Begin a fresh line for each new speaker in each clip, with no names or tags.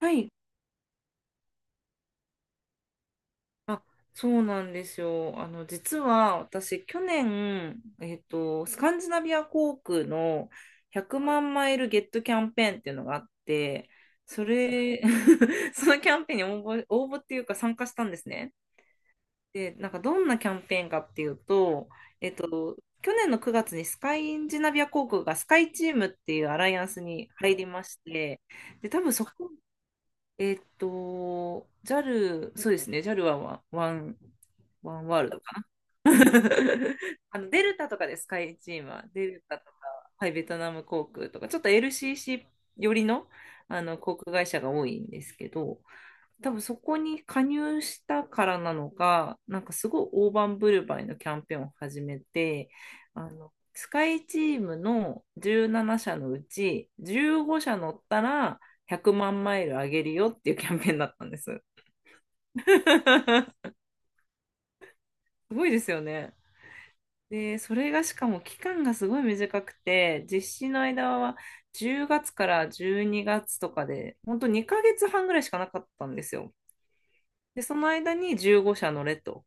はい。あ、そうなんですよ。実は私、去年、スカンジナビア航空の100万マイルゲットキャンペーンっていうのがあって、それ、そのキャンペーンに応募、応募っていうか参加したんですね。で、なんかどんなキャンペーンかっていうと、えっと、去年の9月にスカインジナビア航空がスカイチームっていうアライアンスに入りまして、で、多分そこJAL、そうですね、ジャルはワンワールドかな。デルタとかです、スカイチームは。デルタとか、はい、ベトナム航空とか、ちょっと LCC 寄りの、あの航空会社が多いんですけど、多分そこに加入したからなのか、なんかすごい大盤振る舞いのキャンペーンを始めて、スカイチームの17社のうち15社乗ったら100万マイルあげるよっていうキャンペーンだったんです。すごいですよね。で、それがしかも期間がすごい短くて、実施の間は10月から12月とかで、本当2ヶ月半ぐらいしかなかったんですよ。で、その間に15社乗れと。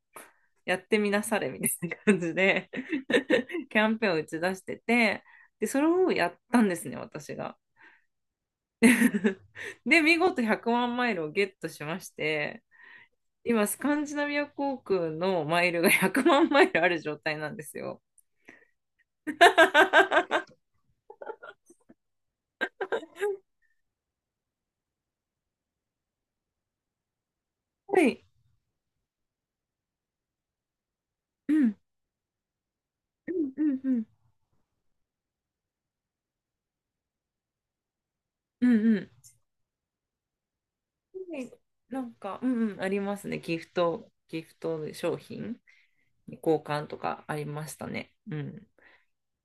やってみなされみたいな感じで キャンペーンを打ち出してて、で、それをやったんですね、私が で、見事100万マイルをゲットしまして、今、スカンジナビア航空のマイルが 100万マイルある状態なんですよ はい。うん、うん、うん、うん、うん、うん。はい、なんか、うんうん、ありますね。ギフト商品に交換とかありましたね。うん。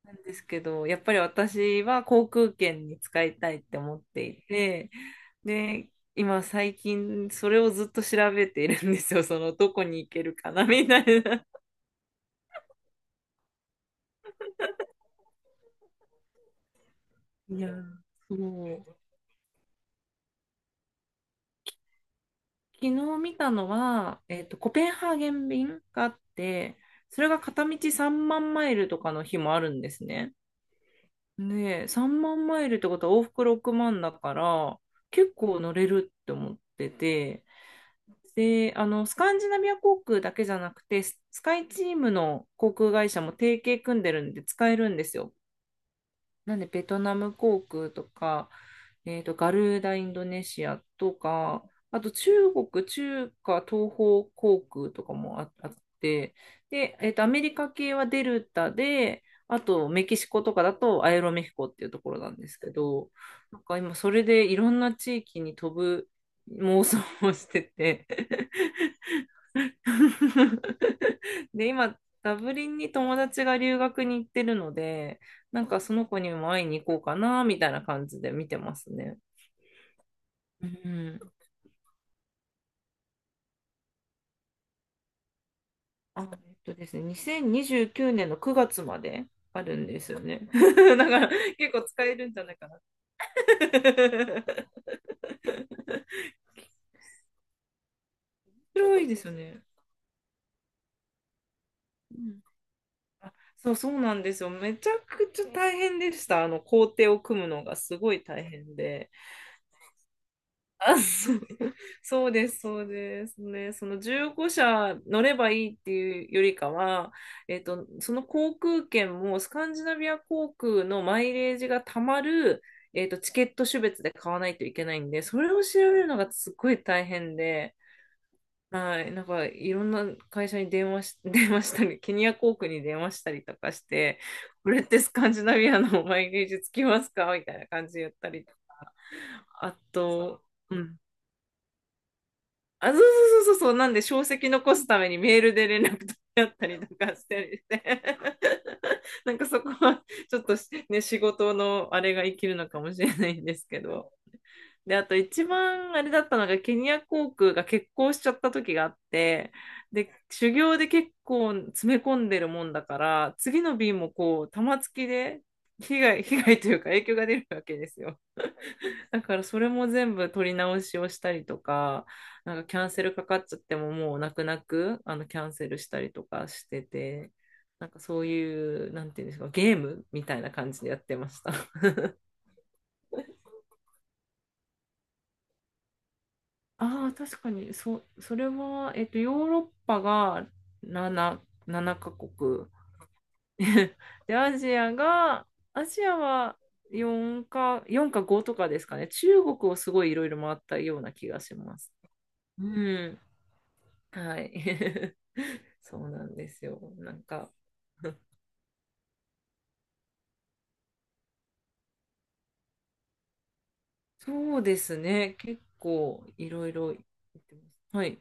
なんですけど、やっぱり私は航空券に使いたいって思っていて、で、今最近それをずっと調べているんですよ。そのどこに行けるかなみたいな。いやー、そう。昨日見たのは、コペンハーゲン便があって、それが片道3万マイルとかの日もあるんですね。で、3万マイルってことは往復6万だから、結構乗れるって思ってて、で、スカンジナビア航空だけじゃなくて、ススカイチームの航空会社も提携組んでるんで使えるんですよ。なんで、ベトナム航空とか、ガルーダインドネシアとか、あと中華東方航空とかもあって、で、アメリカ系はデルタで、あとメキシコとかだとアエロメヒコっていうところなんですけど、なんか今それでいろんな地域に飛ぶ妄想をしてて。 で、今、ダブリンに友達が留学に行ってるので、なんかその子にも会いに行こうかな、みたいな感じで見てますね。うん。あ、えっとですね、2029年の9月まであるんですよね。だから結構使えるんじゃないかな。広いですよね。うん、あ、そうそうなんですよ。めちゃくちゃ大変でした。あの工程を組むのがすごい大変で。あ、そう。 そうです、そうですね。その15社乗ればいいっていうよりかは、その航空券もスカンジナビア航空のマイレージがたまる、チケット種別で買わないといけないんで、それを調べるのがすっごい大変で、はい、なんかいろんな会社に電話し、電話したり、ケニア航空に電話したりとかして、これってスカンジナビアのマイレージつきますかみたいな感じで言ったり、あと、うん、あ、そうそうそうそうそう、なんで、証跡残すためにメールで連絡取り合ったりとかしたりして、なんかそこは、ちょっとしね、仕事のあれが生きるのかもしれないんですけど。で、あと一番あれだったのが、ケニア航空が欠航しちゃった時があって、で、修行で結構詰め込んでるもんだから、次の便もこう、玉突きで被害、被害というか影響が出るわけですよ。だからそれも全部取り直しをしたりとか、なんかキャンセルかかっちゃってももう泣く泣く、キャンセルしたりとかしてて、なんかそういう、なんていうんですか、ゲームみたいな感じでやってました。ああ、確かに、それは、ヨーロッパが7、7カ国。で、アジアは4か5とかですかね。中国をすごいいろいろ回ったような気がします。うん。はい。そうなんですよ。なんか、そうですね。結構いろいろ行ってます。はい。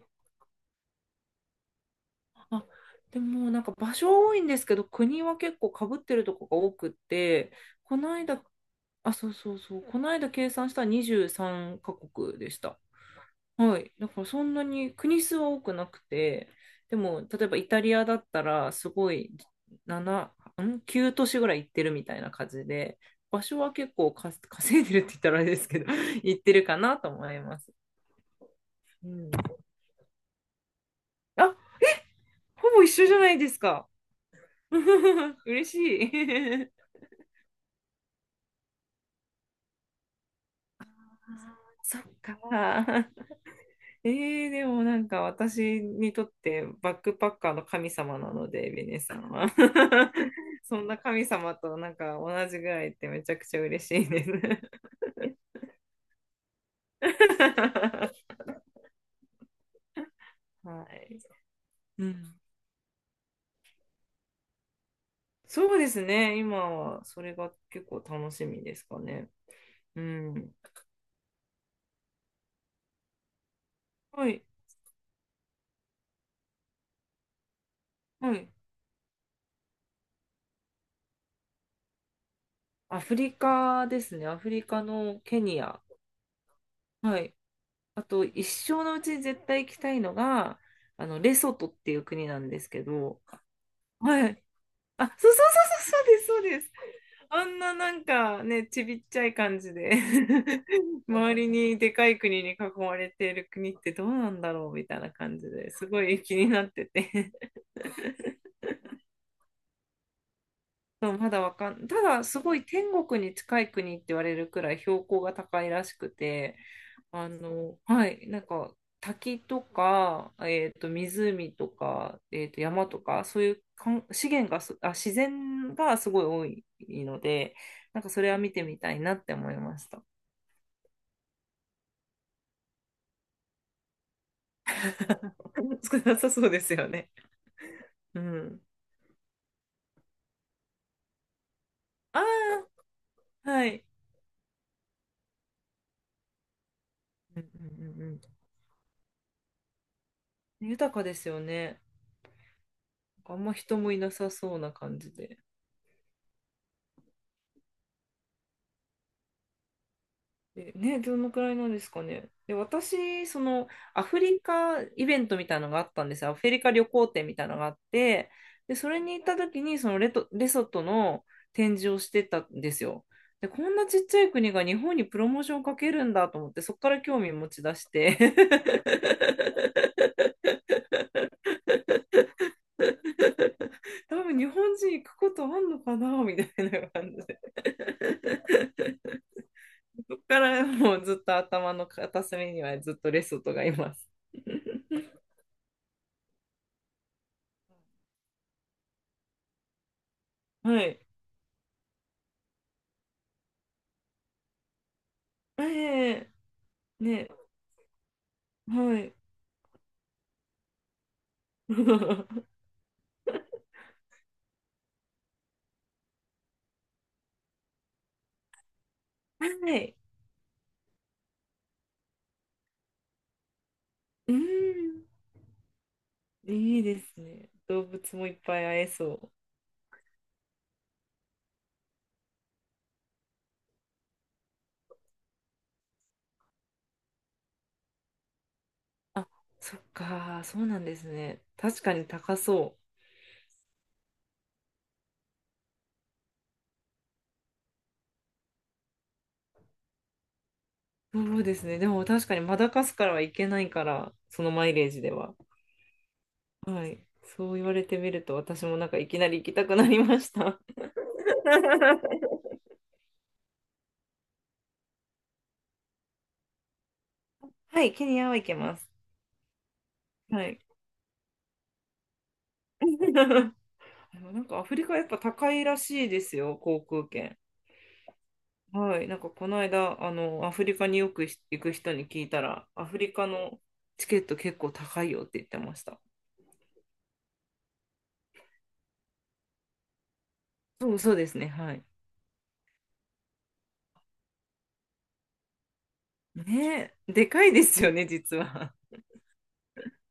あ、でもなんか場所は多いんですけど、国は結構かぶってるとこが多くって、この間、あ、そうそうそう。この間計算したら23カ国でした。はい。だからそんなに国数は多くなくて、でも例えばイタリアだったらすごい7、ん ?9 都市ぐらい行ってるみたいな感じで、場所は結構か稼いでるって言ったらあれですけど、行ってるかなと思います。うん、あ、ほぼ一緒じゃないですか。嬉しい。あー、そっか。でもなんか私にとってバックパッカーの神様なので、ベネさんは。そんな神様となんか同じぐらいってめちゃくちゃ嬉しいです。はい。うん。そうですね。今はそれが結構楽しみですかね。うん。はい。はい。アフリカですね。アフリカのケニア。はい。あと一生のうちに絶対行きたいのが、レソトっていう国なんですけど、はい。あ、そうそうそうそう、そうです、そうです。あんな、なんかね、ちびっちゃい感じで、 周りにでかい国に囲まれている国ってどうなんだろうみたいな感じですごい気になってて、そう、まだわかん、ただすごい天国に近い国って言われるくらい標高が高いらしくて、はい、なんか滝とか、湖とか、山とか、そういうかん資源がす、あ、自然がすごい多いので、なんかそれは見てみたいなって思いました。少なさそうですよね。うん。ああ、はい。うんうんうんうん。豊かですよね。あんま人もいなさそうな感じで。えね、どのくらいなんですかね。で、私、その、アフリカイベントみたいなのがあったんですよ。アフリカ旅行展みたいなのがあって、で、それに行った時に、そのレソトの展示をしてたんですよ。で、こんなちっちゃい国が日本にプロモーションをかけるんだと思って、そこから興味持ち出して。多分日本人行くことあんのかなみたいな感じでそこから、 もうずっと頭の片隅にはずっとレソトがいます。はい。ええ、ね、はい。はい。うん。いいですね。動物もいっぱい会えそう。あ、そっか、そうなんですね。確かに高そう。そうですね。でも確かにマダガスカルはいけないから、そのマイレージでは。はい。そう言われてみると、私もなんかいきなり行きたくなりました。はい、ケニアはいけます。はい。でもなんかアフリカやっぱ高いらしいですよ、航空券。はい、なんかこの間、アフリカによく行く人に聞いたら、アフリカのチケット結構高いよって言ってました。そうそうですね、はい。ねえ、でかいですよね、実は。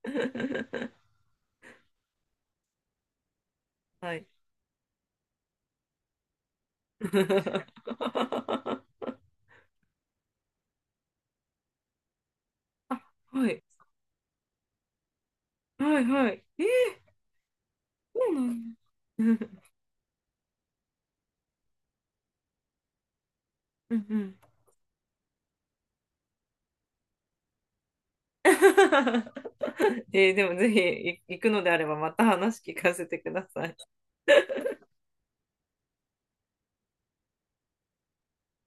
はい。あ、はい。はいはい。えー、そうなんだ。うんうん。でもぜひい行くのであればまた話聞かせてください。